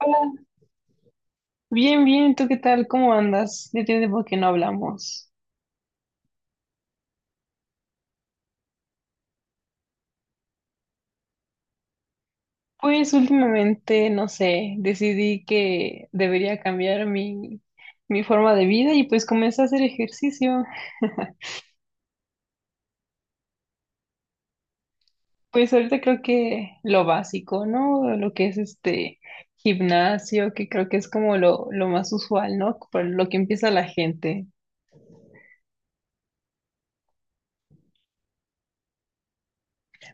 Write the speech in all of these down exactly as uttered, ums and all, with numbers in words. Hola, bien, bien, ¿tú qué tal? ¿Cómo andas? Ya tiene tiempo que no hablamos. Pues últimamente, no sé, decidí que debería cambiar mi, mi forma de vida y pues comencé a hacer ejercicio. Pues ahorita creo que lo básico, ¿no? Lo que es este gimnasio, que creo que es como lo, lo más usual, ¿no? Por lo que empieza la gente.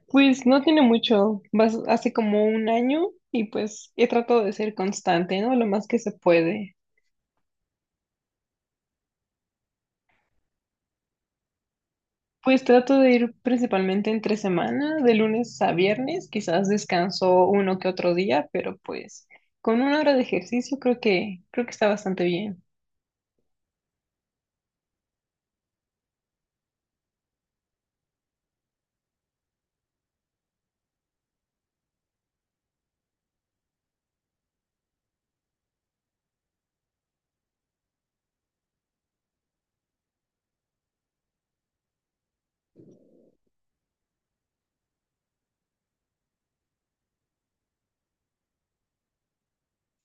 Pues no tiene mucho, vas- hace como un año y pues he tratado de ser constante, ¿no? Lo más que se puede. Pues trato de ir principalmente entre semana, de lunes a viernes, quizás descanso uno que otro día, pero pues con una hora de ejercicio creo que creo que está bastante bien.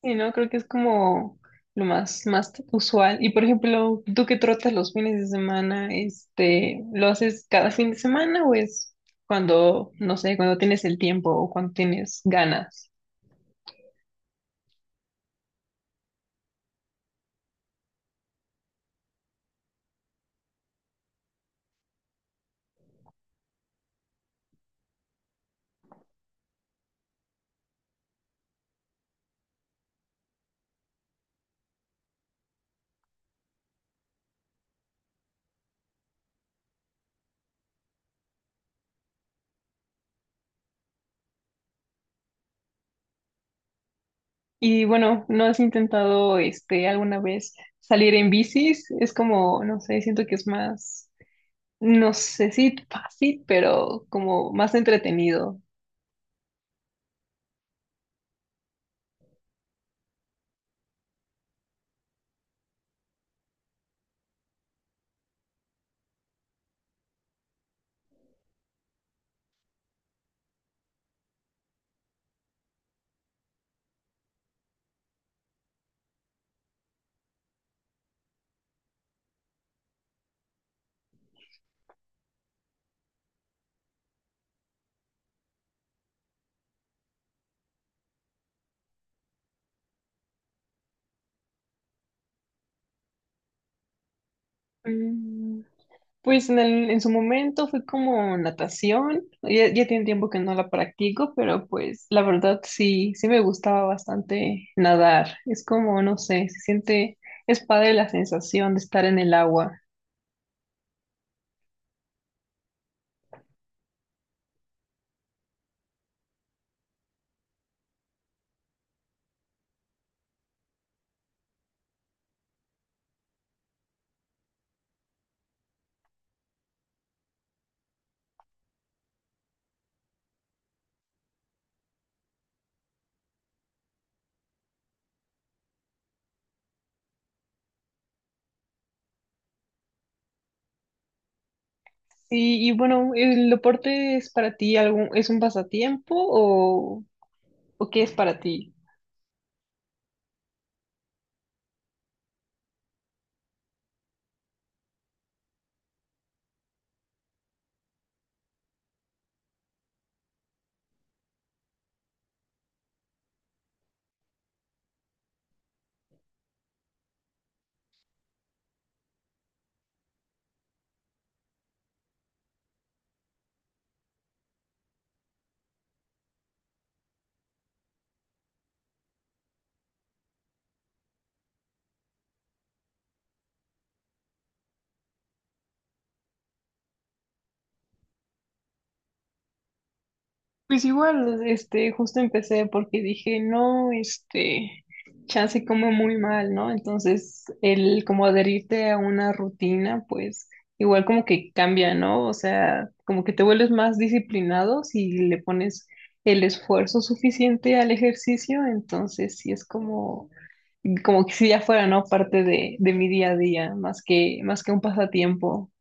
Y no, creo que es como lo más más usual. Y por ejemplo, tú que trotas los fines de semana, este, ¿lo haces cada fin de semana o es cuando, no sé, cuando tienes el tiempo o cuando tienes ganas? Y bueno, ¿no has intentado este alguna vez salir en bicis? Es como, no sé, siento que es más, no sé si fácil, pero como más entretenido. Mm. Pues en el- en su momento fue como natación. Ya, ya tiene tiempo que no la practico, pero pues la verdad sí, sí me gustaba bastante nadar. Es como, no sé, se siente, es padre la sensación de estar en el agua. Sí, y bueno, ¿el deporte es para ti algún, es un pasatiempo o, o qué es para ti? Pues igual, este, justo empecé porque dije, no, este, chance como muy mal, ¿no? Entonces, el como adherirte a una rutina, pues igual como que cambia, ¿no? O sea, como que te vuelves más disciplinado si le pones el esfuerzo suficiente al ejercicio, entonces sí es como como que si ya fuera, ¿no? Parte de, de mi día a día, más que, más que un pasatiempo.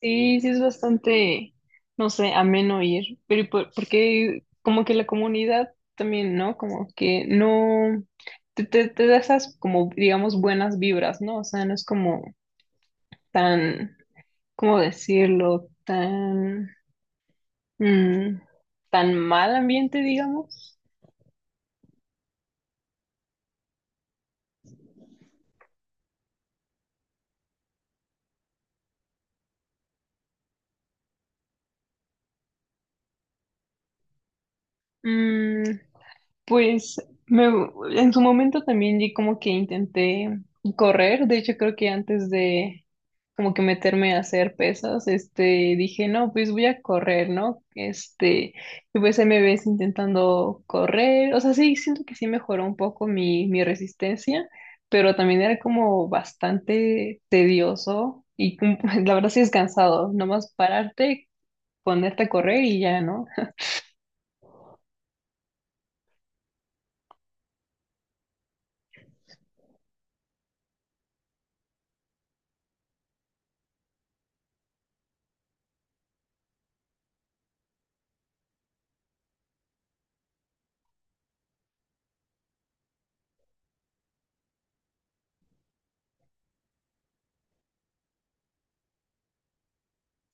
Sí, sí es bastante, no sé, ameno ir, pero y por- porque como que la comunidad también, ¿no? Como que no, te, te, te da esas como, digamos, buenas vibras, ¿no? O sea, no es como tan, ¿cómo decirlo? Tan, mm, tan mal ambiente, digamos. Mm. Pues me, en su momento también di como que intenté correr, de hecho creo que antes de como que meterme a hacer pesas, este, dije, no, pues voy a correr, ¿no? Este, y pues ahí me ves intentando correr, o sea, sí, siento que sí mejoró un poco mi, mi resistencia, pero también era como bastante tedioso y como- la verdad sí es cansado, nomás pararte, ponerte a correr y ya, ¿no?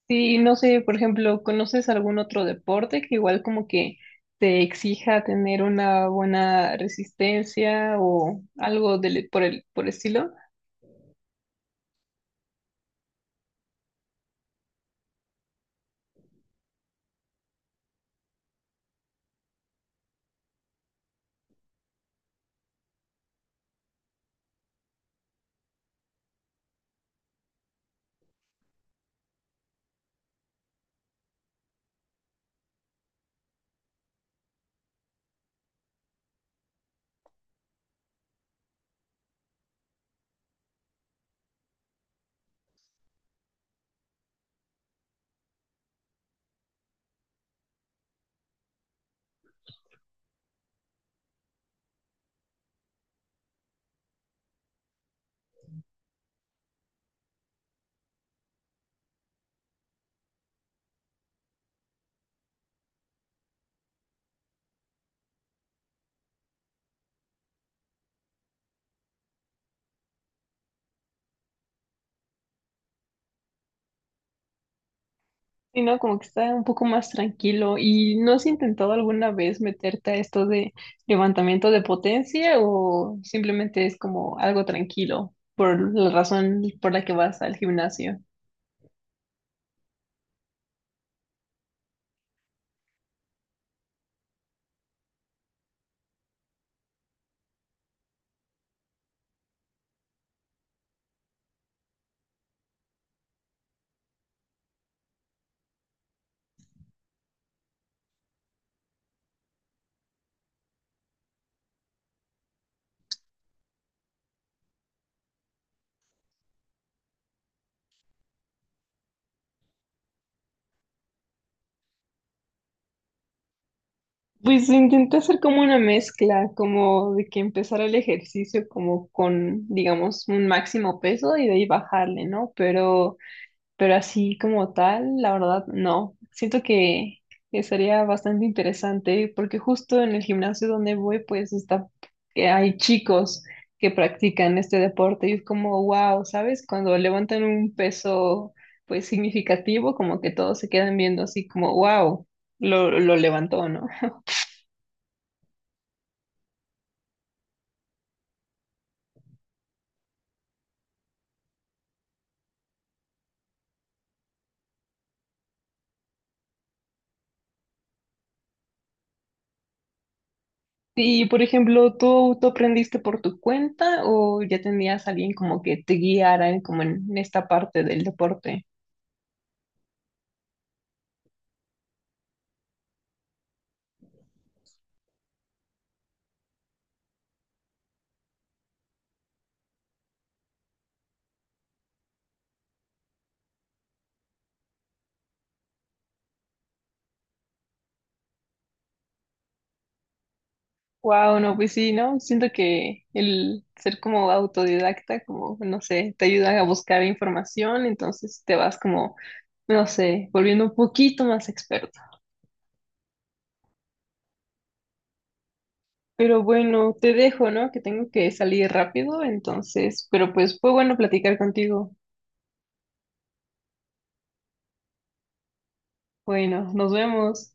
Sí, no sé, por ejemplo, ¿conoces algún otro deporte que igual como que te exija tener una buena resistencia o algo del, por el, por el estilo? Y no, como que está un poco más tranquilo. ¿Y no has intentado alguna vez meterte a esto de levantamiento de potencia o simplemente es como algo tranquilo por la razón por la que vas al gimnasio? Pues intenté hacer como una mezcla, como de que empezara el ejercicio como con, digamos, un máximo peso y de ahí bajarle, ¿no? Pero, pero así como tal, la verdad, no. Siento que, que sería bastante interesante porque justo en el gimnasio donde voy, pues está, que hay chicos que practican este deporte y es como, wow, ¿sabes? Cuando levantan un peso, pues significativo, como que todos se quedan viendo así como, wow, lo, lo levantó, ¿no? Y por ejemplo, ¿tú, tú aprendiste por tu cuenta o ya tenías a alguien como que te guiara en- como en esta parte del deporte? Wow, no, pues sí, ¿no? Siento que el ser como autodidacta, como, no sé, te ayuda a buscar información, entonces te vas como, no sé, volviendo un poquito más experto. Pero bueno, te dejo, ¿no? Que tengo que salir rápido, entonces, pero pues fue bueno platicar contigo. Bueno, nos vemos.